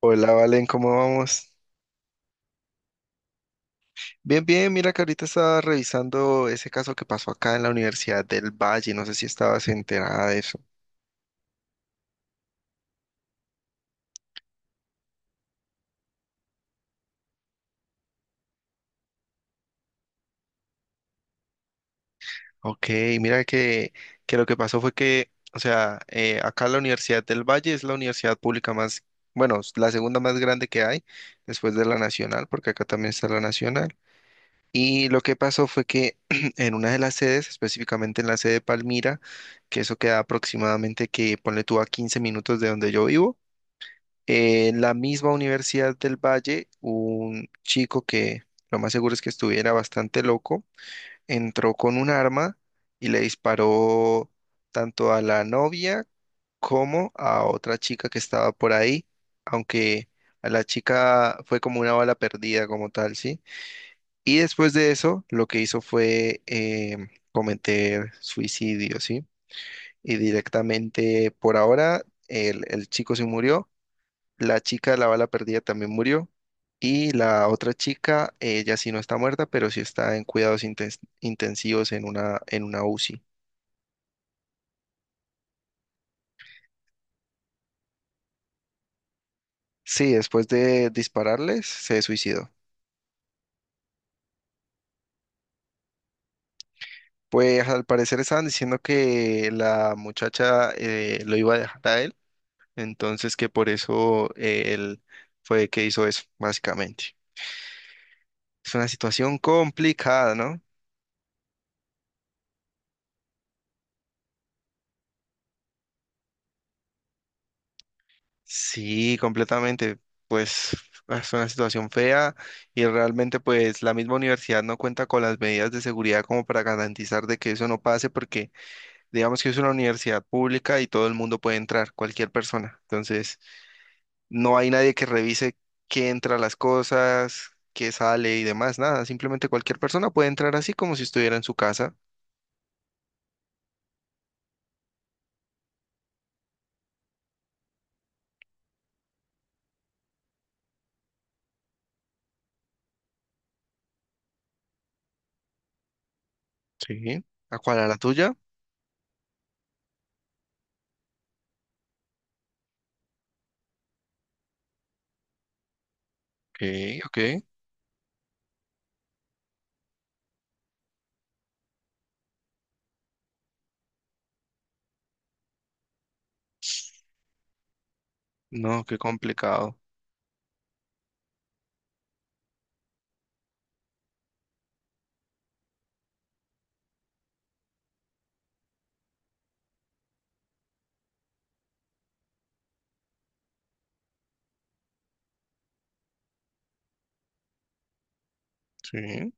Hola, Valen, ¿cómo vamos? Bien, bien, mira que ahorita estaba revisando ese caso que pasó acá en la Universidad del Valle, no sé si estabas enterada de eso. Ok, mira que lo que pasó fue que, o sea, acá la Universidad del Valle es la universidad pública más, bueno, es la segunda más grande que hay después de la Nacional, porque acá también está la Nacional. Y lo que pasó fue que en una de las sedes, específicamente en la sede de Palmira, que eso queda aproximadamente que ponle tú a 15 minutos de donde yo vivo. En la misma Universidad del Valle, un chico que lo más seguro es que estuviera bastante loco, entró con un arma y le disparó tanto a la novia como a otra chica que estaba por ahí, aunque a la chica fue como una bala perdida como tal, ¿sí? Y después de eso, lo que hizo fue cometer suicidio, ¿sí? Y directamente por ahora el chico se murió, la chica de la bala perdida también murió. Y la otra chica, ella sí no está muerta, pero sí está en cuidados intensivos en una UCI. Sí, después de dispararles, se suicidó. Pues al parecer estaban diciendo que la muchacha lo iba a dejar a él, entonces que por eso él fue que hizo eso, básicamente. Es una situación complicada, ¿no? Sí, completamente. Pues es una situación fea y realmente pues la misma universidad no cuenta con las medidas de seguridad como para garantizar de que eso no pase porque digamos que es una universidad pública y todo el mundo puede entrar, cualquier persona. Entonces no hay nadie que revise qué entra a las cosas, qué sale y demás, nada. Simplemente cualquier persona puede entrar así como si estuviera en su casa. Sí. ¿A cuál? ¿A la tuya? Ok, ok. No, qué complicado. Sí.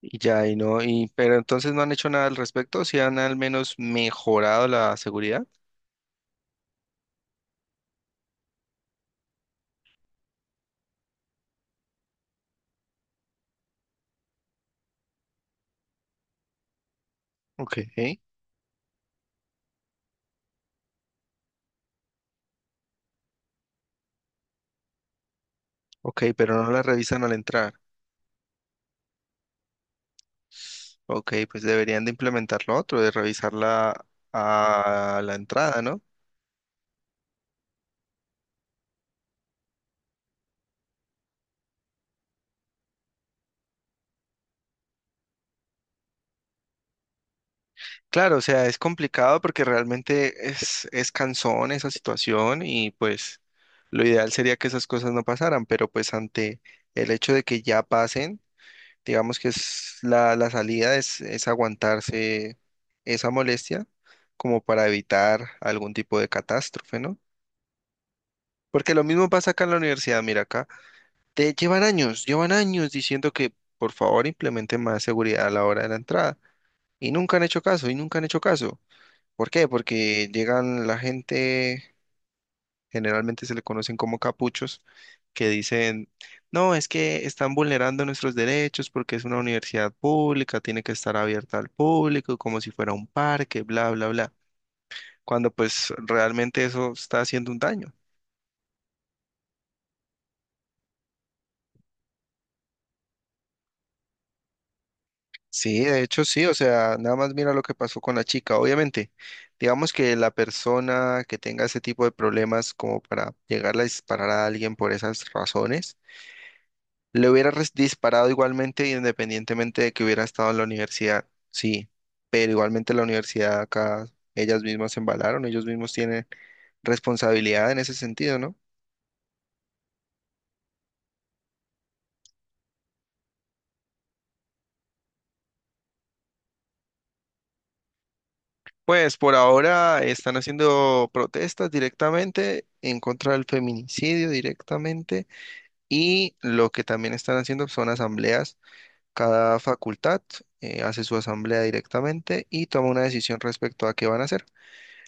Y ya, y no, y, pero entonces no han hecho nada al respecto, si han al menos mejorado la seguridad. Ok, ok, pero no la revisan al entrar. Ok, pues deberían de implementar lo otro, de revisarla a la entrada, ¿no? Claro, o sea, es complicado porque realmente es cansón esa situación y pues lo ideal sería que esas cosas no pasaran, pero pues ante el hecho de que ya pasen, digamos que es la, la salida es aguantarse esa molestia como para evitar algún tipo de catástrofe, ¿no? Porque lo mismo pasa acá en la universidad, mira acá, te llevan años diciendo que por favor implementen más seguridad a la hora de la entrada y nunca han hecho caso, y nunca han hecho caso. ¿Por qué? Porque llegan la gente, generalmente se le conocen como capuchos, que dicen, no, es que están vulnerando nuestros derechos porque es una universidad pública, tiene que estar abierta al público, como si fuera un parque, bla, bla, bla, cuando pues realmente eso está haciendo un daño. Sí, de hecho sí, o sea, nada más mira lo que pasó con la chica. Obviamente, digamos que la persona que tenga ese tipo de problemas como para llegar a disparar a alguien por esas razones, le hubiera disparado igualmente, independientemente de que hubiera estado en la universidad, sí, pero igualmente la universidad acá, ellas mismas se embalaron, ellos mismos tienen responsabilidad en ese sentido, ¿no? Pues por ahora están haciendo protestas directamente en contra del feminicidio directamente y lo que también están haciendo son asambleas. Cada facultad hace su asamblea directamente y toma una decisión respecto a qué van a hacer.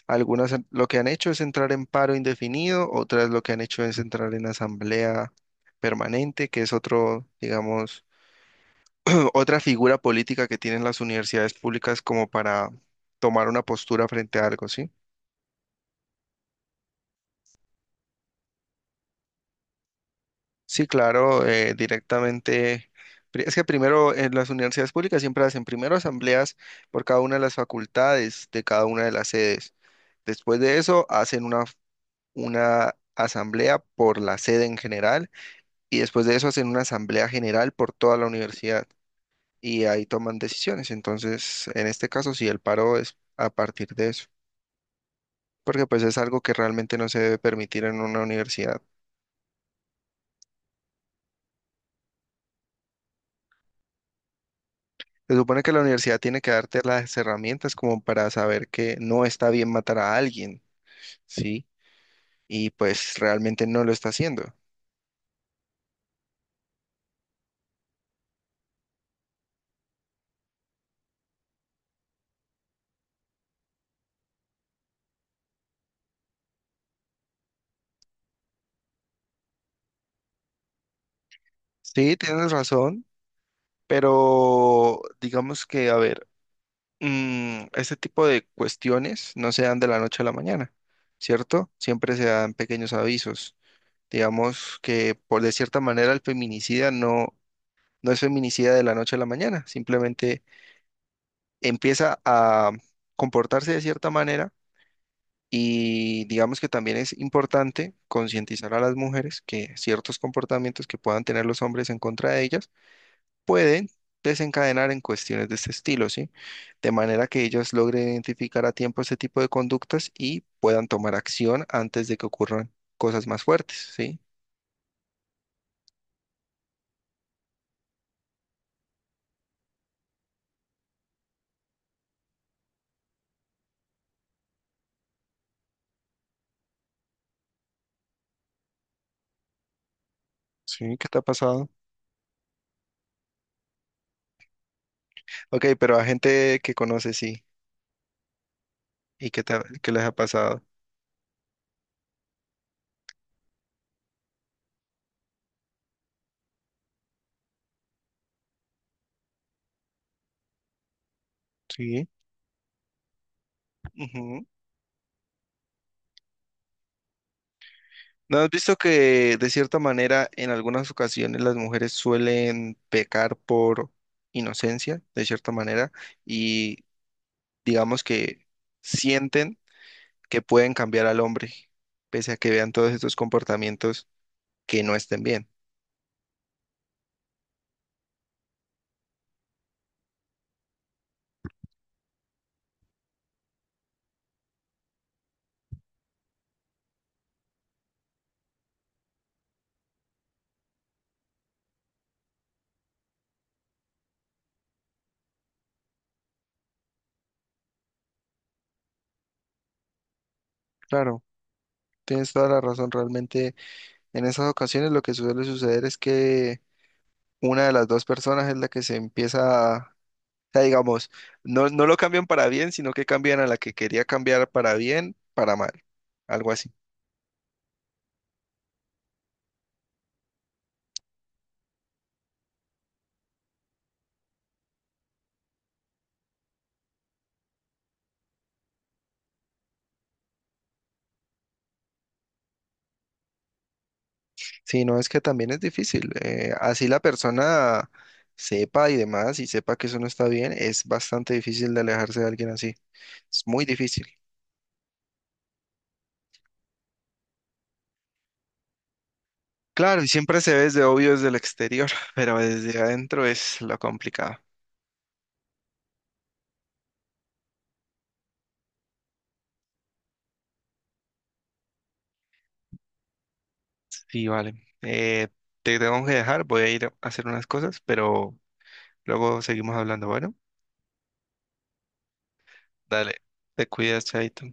Algunas lo que han hecho es entrar en paro indefinido, otras lo que han hecho es entrar en asamblea permanente, que es otro, digamos, otra figura política que tienen las universidades públicas como para tomar una postura frente a algo, ¿sí? Sí, claro, directamente. Es que primero en las universidades públicas siempre hacen primero asambleas por cada una de las facultades de cada una de las sedes. Después de eso hacen una asamblea por la sede en general y después de eso hacen una asamblea general por toda la universidad y ahí toman decisiones. Entonces, en este caso, sí, el paro es a partir de eso, porque pues es algo que realmente no se debe permitir en una universidad. Se supone que la universidad tiene que darte las herramientas como para saber que no está bien matar a alguien, ¿sí? Y pues realmente no lo está haciendo. Sí, tienes razón, pero digamos que, a ver, este tipo de cuestiones no se dan de la noche a la mañana, ¿cierto? Siempre se dan pequeños avisos. Digamos que por de cierta manera el feminicida no, no es feminicida de la noche a la mañana, simplemente empieza a comportarse de cierta manera y digamos que también es importante concientizar a las mujeres que ciertos comportamientos que puedan tener los hombres en contra de ellas pueden desencadenar en cuestiones de este estilo, ¿sí? De manera que ellos logren identificar a tiempo este tipo de conductas y puedan tomar acción antes de que ocurran cosas más fuertes, ¿sí? Sí, ¿qué te ha pasado? Ok, pero a gente que conoces, sí, y que, te ha- que les ha pasado. Sí. Ujú. ¿No has visto que de cierta manera en algunas ocasiones las mujeres suelen pecar por inocencia, de cierta manera, y digamos que sienten que pueden cambiar al hombre, pese a que vean todos estos comportamientos que no estén bien? Claro, tienes toda la razón. Realmente en esas ocasiones lo que suele suceder es que una de las dos personas es la que se empieza a, o sea, digamos, no, no lo cambian para bien, sino que cambian a la que quería cambiar para bien, para mal, algo así. Sí, no, es que también es difícil. Eh, así la persona sepa y demás y sepa que eso no está bien, es bastante difícil de alejarse de alguien así. Es muy difícil. Claro, y siempre se ve desde obvio desde el exterior, pero desde adentro es lo complicado. Sí, vale. Eh, te tengo que dejar, voy a ir a hacer unas cosas, pero luego seguimos hablando. Bueno, dale, te cuidas, chaito.